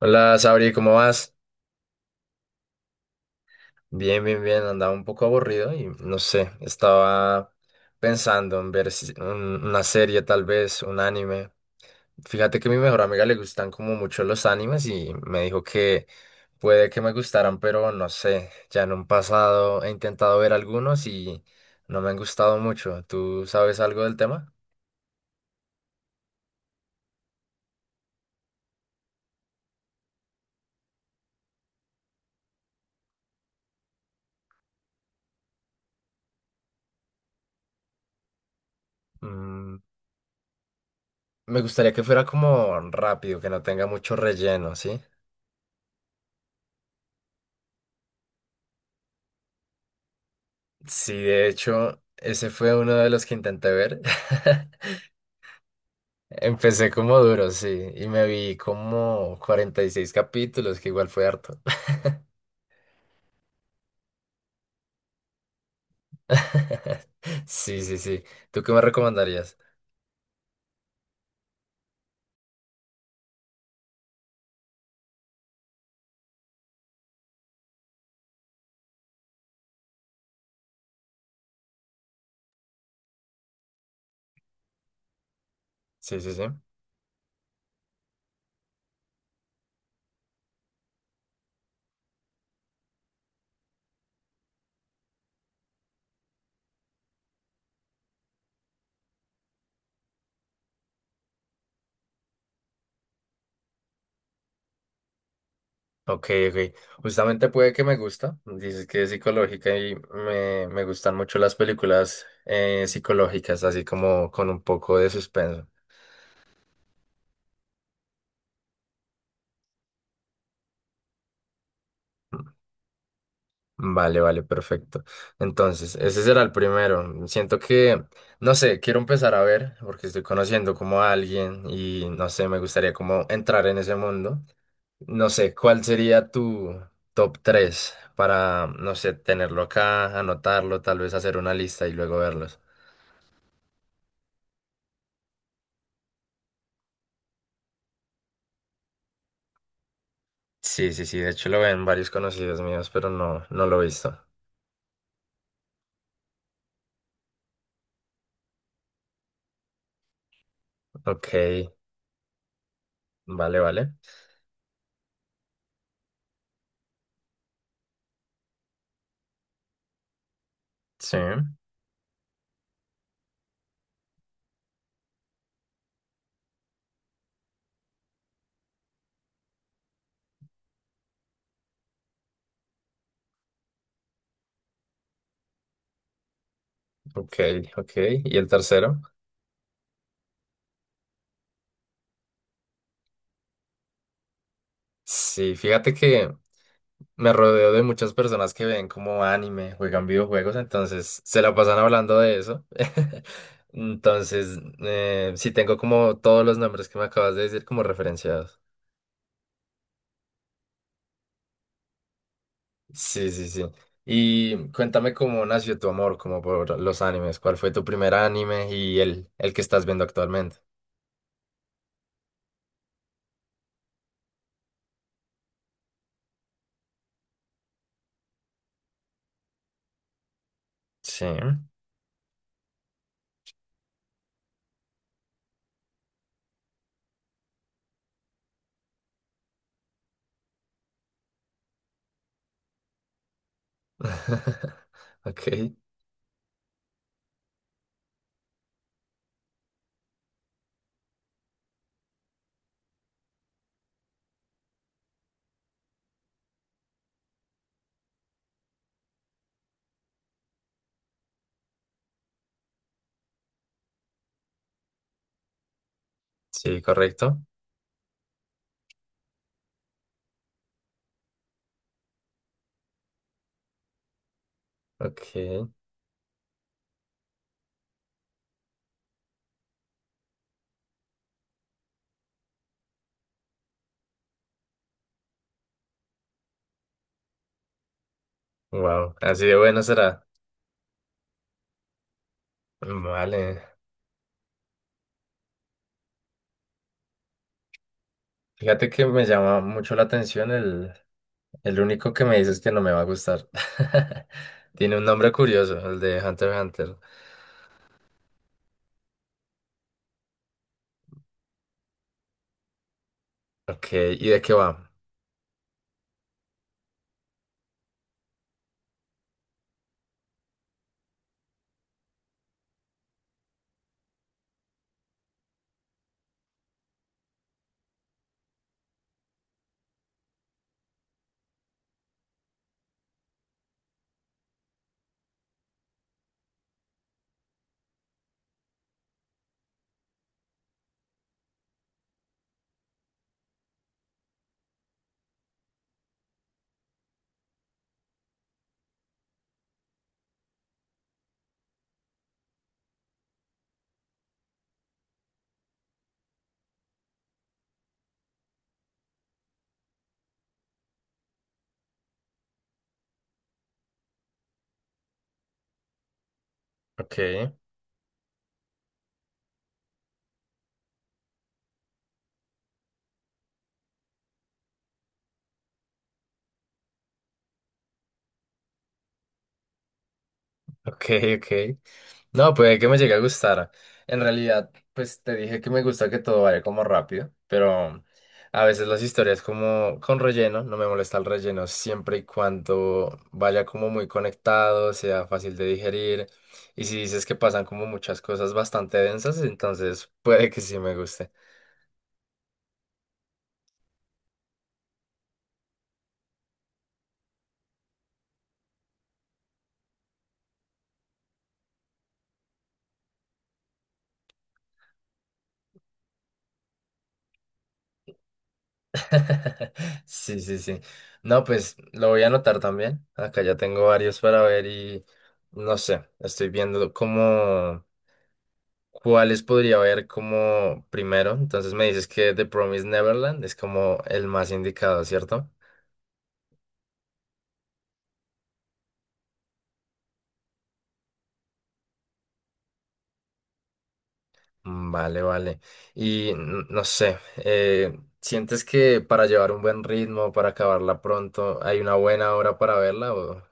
Hola, Sabri, ¿cómo vas? Bien, bien, bien. Andaba un poco aburrido y no sé, estaba pensando en ver una serie, tal vez, un anime. Fíjate que a mi mejor amiga le gustan como mucho los animes y me dijo que puede que me gustaran, pero no sé. Ya en un pasado he intentado ver algunos y no me han gustado mucho. ¿Tú sabes algo del tema? Mm, me gustaría que fuera como rápido, que no tenga mucho relleno, ¿sí? Sí, de hecho, ese fue uno de los que intenté ver. Empecé como duro, sí, y me vi como 46 capítulos, que igual fue harto. Sí, sí, sí. ¿Tú qué me recomendarías? Sí, sí, sí. Ok, ok. Justamente puede que me gusta. Dices que es psicológica y me gustan mucho las películas psicológicas, así como con un poco de suspenso. Vale, vale, perfecto. Entonces, ese será el primero. Siento que, no sé, quiero empezar a ver, porque estoy conociendo como a alguien y no sé, me gustaría como entrar en ese mundo. No sé, ¿cuál sería tu top 3 para, no sé, tenerlo acá, anotarlo, tal vez hacer una lista y luego verlos? Sí, sí, sí, de hecho lo ven varios conocidos míos, pero no, no lo he visto. Ok, vale, vale. Sí, ok, ok. ¿Y el tercero? Sí, fíjate que me rodeo de muchas personas que ven como anime, juegan videojuegos, entonces se la pasan hablando de eso. Entonces, sí tengo como todos los nombres que me acabas de decir como referenciados. Sí, sí, sí. Y cuéntame cómo nació tu amor como por los animes, cuál fue tu primer anime y el que estás viendo actualmente. Sí. Ok, sí, correcto. Ok, wow, así de bueno será. Vale. Fíjate que me llama mucho la atención el único que me dices que no me va a gustar. Tiene un nombre curioso, el de Hunter x Hunter. Ok, ¿y de qué va? Ok. Ok, ok. No, puede que me llegue a gustar. En realidad, pues te dije que me gusta que todo vaya como rápido, pero a veces las historias como con relleno, no me molesta el relleno siempre y cuando vaya como muy conectado, sea fácil de digerir. Y si dices que pasan como muchas cosas bastante densas, entonces puede que sí me guste. Sí, sí, sí. No, pues lo voy a anotar también. Acá ya tengo varios para ver y no sé, estoy viendo cómo. ¿Cuáles podría ver como primero? Entonces me dices que The Promised Neverland es como el más indicado, ¿cierto? Mm, vale, vale. Y no sé, ¿sientes que para llevar un buen ritmo, para acabarla pronto, hay una buena hora para verla? O-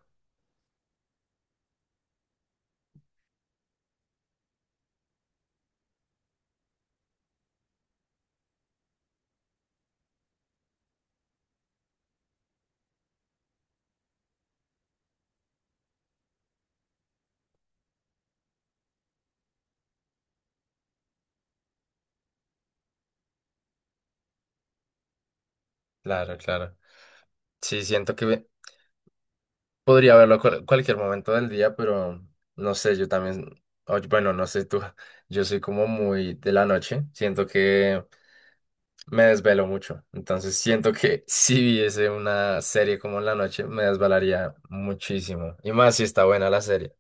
claro, claro. Sí, siento que podría verlo cualquier momento del día, pero no sé, yo también, oye, bueno, no sé tú, yo soy como muy de la noche, siento que... Me desvelo mucho, entonces siento que si viese una serie como en la noche me desvelaría muchísimo, y más si está buena la serie.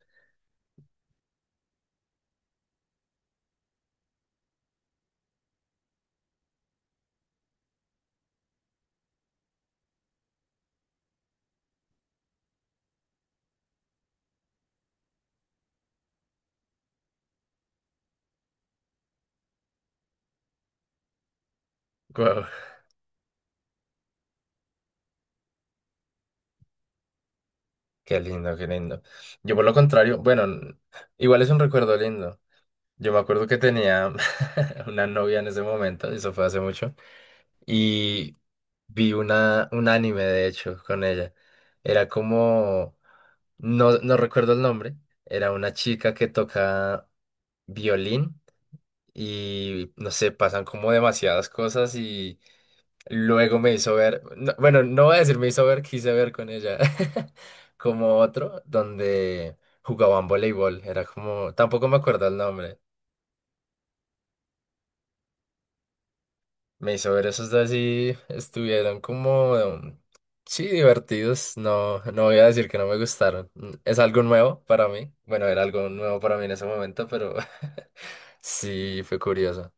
Guau, qué lindo, qué lindo. Yo por lo contrario, bueno, igual es un recuerdo lindo. Yo me acuerdo que tenía una novia en ese momento, eso fue hace mucho, y vi un anime de hecho con ella. Era como, no, no recuerdo el nombre, era una chica que toca violín y no sé, pasan como demasiadas cosas y luego me hizo ver, no- bueno, no voy a decir me hizo ver, quise ver con ella, como otro donde jugaban voleibol, era como, tampoco me acuerdo el nombre, me hizo ver esos dos y estuvieron como, sí, divertidos, no, no voy a decir que no me gustaron. Es algo nuevo para mí, bueno, era algo nuevo para mí en ese momento, pero sí, fue curioso.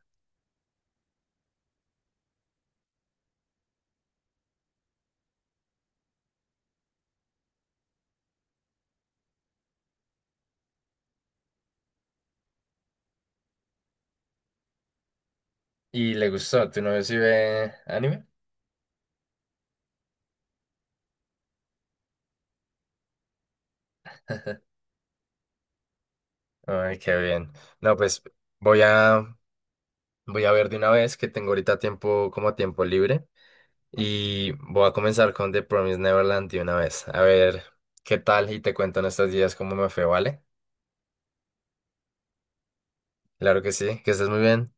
¿Y le gustó? ¿Tu novio sí ve anime? Ay, qué bien. No, pues voy a, voy a ver de una vez que tengo ahorita tiempo como tiempo libre y voy a comenzar con The Promised Neverland de una vez. A ver qué tal y te cuento en estos días cómo me fue, ¿vale? Claro que sí, que estés muy bien.